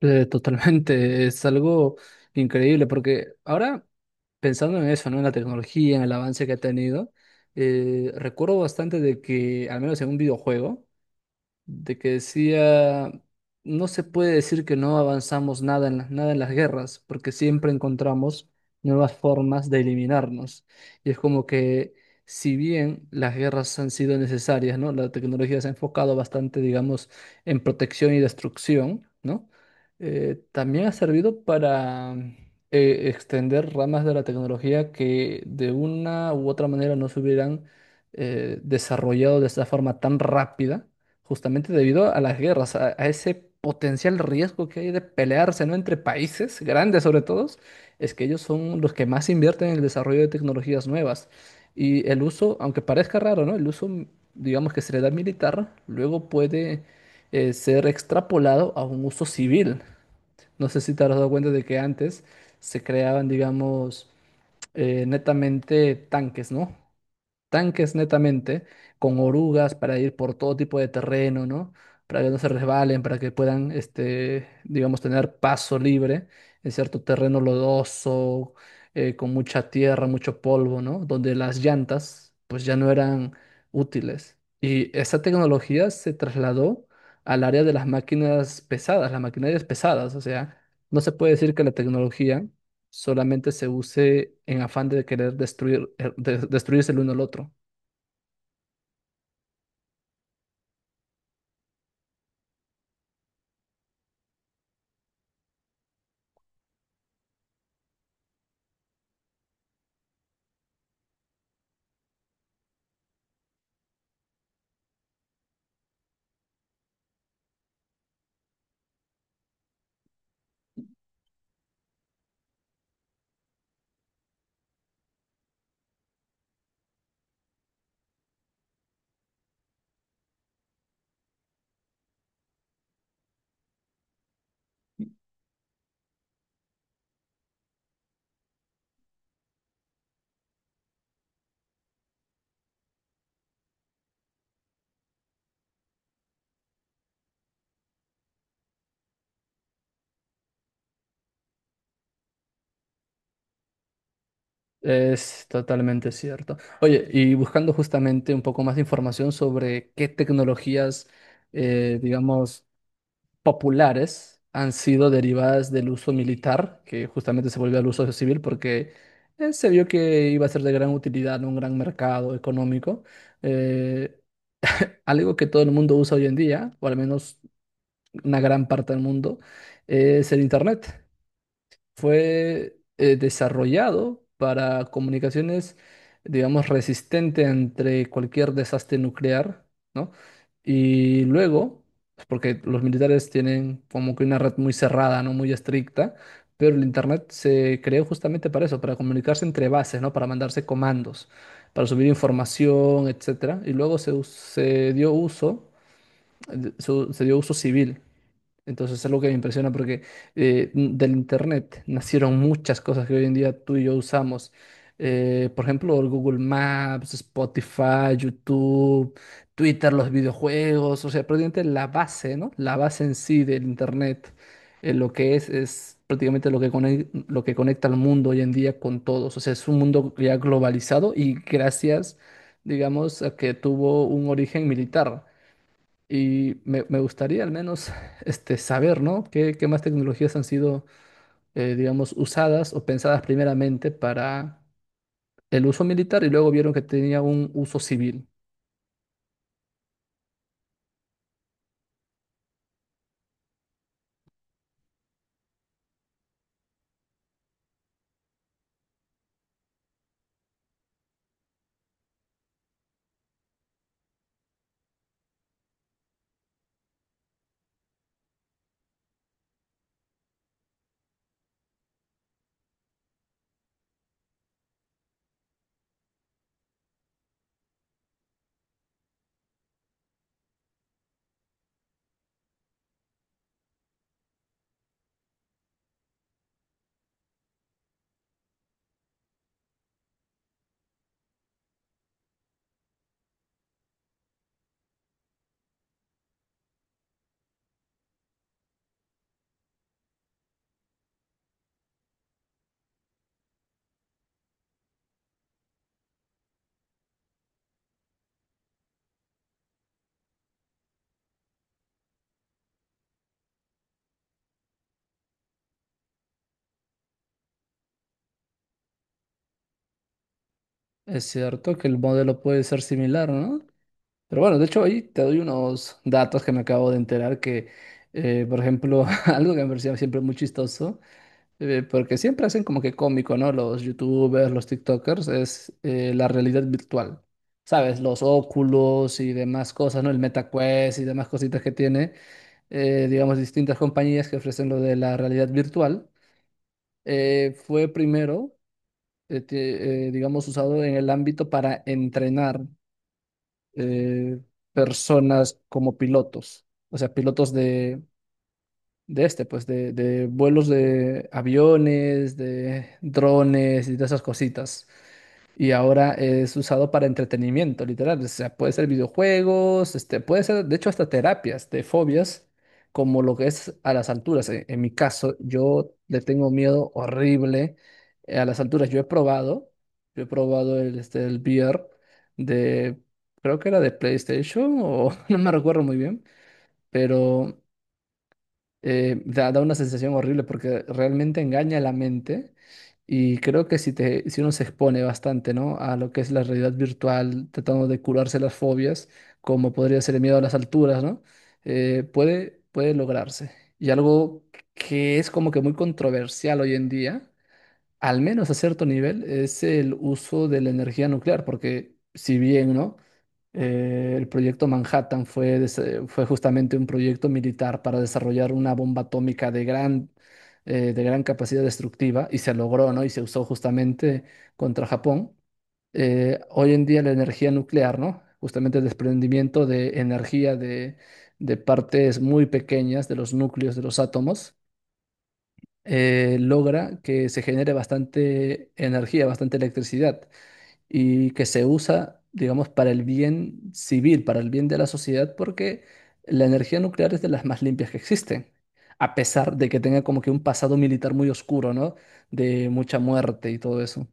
Totalmente, es algo increíble porque ahora pensando en eso, ¿no? En la tecnología, en el avance que ha tenido, recuerdo bastante de que, al menos en un videojuego, de que decía, no se puede decir que no avanzamos nada nada en las guerras, porque siempre encontramos nuevas formas de eliminarnos. Y es como que, si bien las guerras han sido necesarias, ¿no? La tecnología se ha enfocado bastante, digamos, en protección y destrucción, ¿no? También ha servido para extender ramas de la tecnología que de una u otra manera no se hubieran desarrollado de esta forma tan rápida justamente debido a las guerras, a ese potencial riesgo que hay de pelearse, ¿no? Entre países grandes sobre todo, es que ellos son los que más invierten en el desarrollo de tecnologías nuevas. Y el uso, aunque parezca raro, ¿no? El uso, digamos que se le da militar, luego puede ser extrapolado a un uso civil. No sé si te has dado cuenta de que antes se creaban, digamos, netamente tanques, ¿no? Tanques netamente, con orugas para ir por todo tipo de terreno, ¿no? Para que no se resbalen, para que puedan, este, digamos, tener paso libre en cierto terreno lodoso, con mucha tierra, mucho polvo, ¿no? Donde las llantas, pues ya no eran útiles. Y esa tecnología se trasladó al área de las máquinas pesadas, las maquinarias pesadas, o sea, no se puede decir que la tecnología solamente se use en afán de querer destruir, destruirse el uno al otro. Es totalmente cierto. Oye, y buscando justamente un poco más de información sobre qué tecnologías, digamos, populares han sido derivadas del uso militar, que justamente se volvió al uso civil porque se vio que iba a ser de gran utilidad en un gran mercado económico. Eh, Algo que todo el mundo usa hoy en día, o al menos una gran parte del mundo, es el Internet. Fue desarrollado para comunicaciones, digamos, resistente entre cualquier desastre nuclear, ¿no? Y luego, pues, porque los militares tienen como que una red muy cerrada, ¿no? Muy estricta, pero el Internet se creó justamente para eso, para comunicarse entre bases, ¿no? Para mandarse comandos, para subir información, etcétera. Y luego se dio uso, se dio uso civil. Entonces es algo que me impresiona porque del Internet nacieron muchas cosas que hoy en día tú y yo usamos. Por ejemplo, el Google Maps, Spotify, YouTube, Twitter, los videojuegos, o sea, prácticamente la base, ¿no? La base en sí del Internet, lo que es prácticamente lo que conecta al mundo hoy en día con todos. O sea, es un mundo ya globalizado y gracias, digamos, a que tuvo un origen militar. Y me gustaría al menos este, saber, ¿no? Qué más tecnologías han sido, digamos, usadas o pensadas primeramente para el uso militar y luego vieron que tenía un uso civil? Es cierto que el modelo puede ser similar, ¿no? Pero bueno, de hecho ahí te doy unos datos que me acabo de enterar que, por ejemplo, algo que me parecía siempre muy chistoso. Porque siempre hacen como que cómico, ¿no? Los YouTubers, los TikTokers, es la realidad virtual. ¿Sabes? Los óculos y demás cosas, ¿no? El MetaQuest y demás cositas que tiene, digamos, distintas compañías que ofrecen lo de la realidad virtual. Fue primero, digamos, usado en el ámbito para entrenar eh, personas como pilotos, o sea, pilotos de este, pues de vuelos de aviones, de drones y de esas cositas. Y ahora es usado para entretenimiento, literal. O sea, puede ser videojuegos, este, puede ser, de hecho, hasta terapias de fobias, como lo que es a las alturas. En mi caso, yo le tengo miedo horrible a las alturas. Yo he probado el, este, el VR de, creo que era de PlayStation o no me recuerdo muy bien, pero da una sensación horrible porque realmente engaña la mente y creo que si uno se expone bastante, ¿no? A lo que es la realidad virtual, tratando de curarse las fobias, como podría ser el miedo a las alturas, ¿no? Puede lograrse. Y algo que es como que muy controversial hoy en día al menos a cierto nivel, es el uso de la energía nuclear, porque si bien, ¿no? El proyecto Manhattan fue justamente un proyecto militar para desarrollar una bomba atómica de gran capacidad destructiva y se logró, ¿no? Y se usó justamente contra Japón. Hoy en día la energía nuclear, ¿no? Justamente el desprendimiento de energía de partes muy pequeñas de los núcleos de los átomos logra que se genere bastante energía, bastante electricidad y que se usa, digamos, para el bien civil, para el bien de la sociedad, porque la energía nuclear es de las más limpias que existen, a pesar de que tenga como que un pasado militar muy oscuro, ¿no? De mucha muerte y todo eso.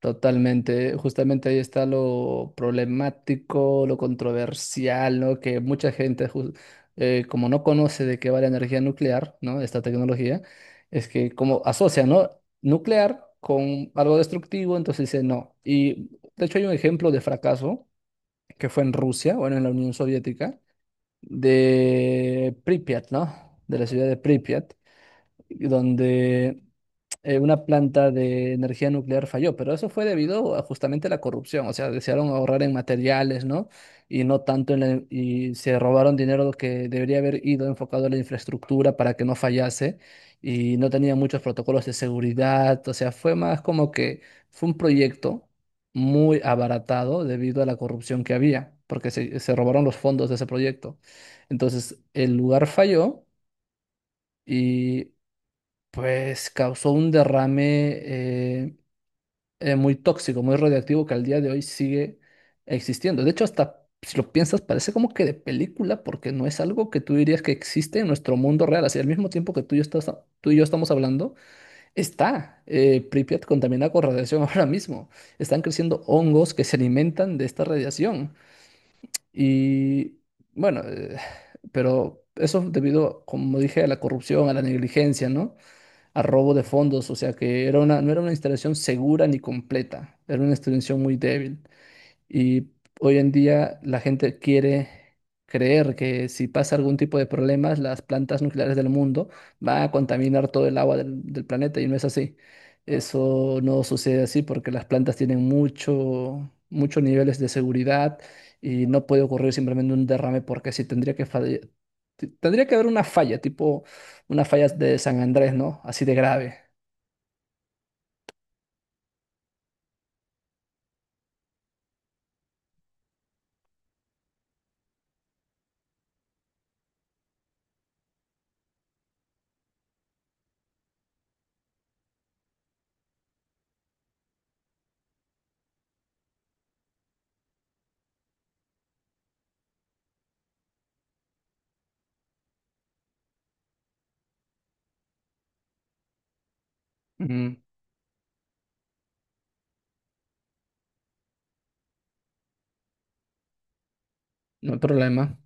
Totalmente, justamente ahí está lo problemático, lo controversial, ¿no? Que mucha gente, como no conoce de qué va la energía nuclear, ¿no? Esta tecnología, es que como asocia, ¿no? Nuclear con algo destructivo, entonces dice no. Y de hecho hay un ejemplo de fracaso que fue en Rusia, bueno, en la Unión Soviética, de Pripyat, ¿no? De la ciudad de Pripyat, donde una planta de energía nuclear falló, pero eso fue debido a justamente la corrupción, o sea, desearon ahorrar en materiales, ¿no? Y no tanto y se robaron dinero que debería haber ido enfocado a la infraestructura para que no fallase y no tenían muchos protocolos de seguridad, o sea, fue más como que fue un proyecto muy abaratado debido a la corrupción que había, porque se robaron los fondos de ese proyecto. Entonces, el lugar falló. Y pues causó un derrame muy tóxico, muy radioactivo que al día de hoy sigue existiendo. De hecho, hasta si lo piensas, parece como que de película, porque no es algo que tú dirías que existe en nuestro mundo real. Así, al mismo tiempo que tú y yo estamos hablando, está Pripyat contaminada con radiación ahora mismo. Están creciendo hongos que se alimentan de esta radiación. Y bueno, pero eso es debido, como dije, a la corrupción, a la negligencia, ¿no? A robo de fondos, o sea que no era una instalación segura ni completa, era una instalación muy débil. Y hoy en día la gente quiere creer que si pasa algún tipo de problemas, las plantas nucleares del mundo van a contaminar todo el agua del planeta y no es así. Eso no sucede así porque las plantas tienen muchos niveles de seguridad y no puede ocurrir simplemente un derrame porque sí tendría que haber una falla, tipo una falla de San Andrés, ¿no? Así de grave. Ujú. No hay problema.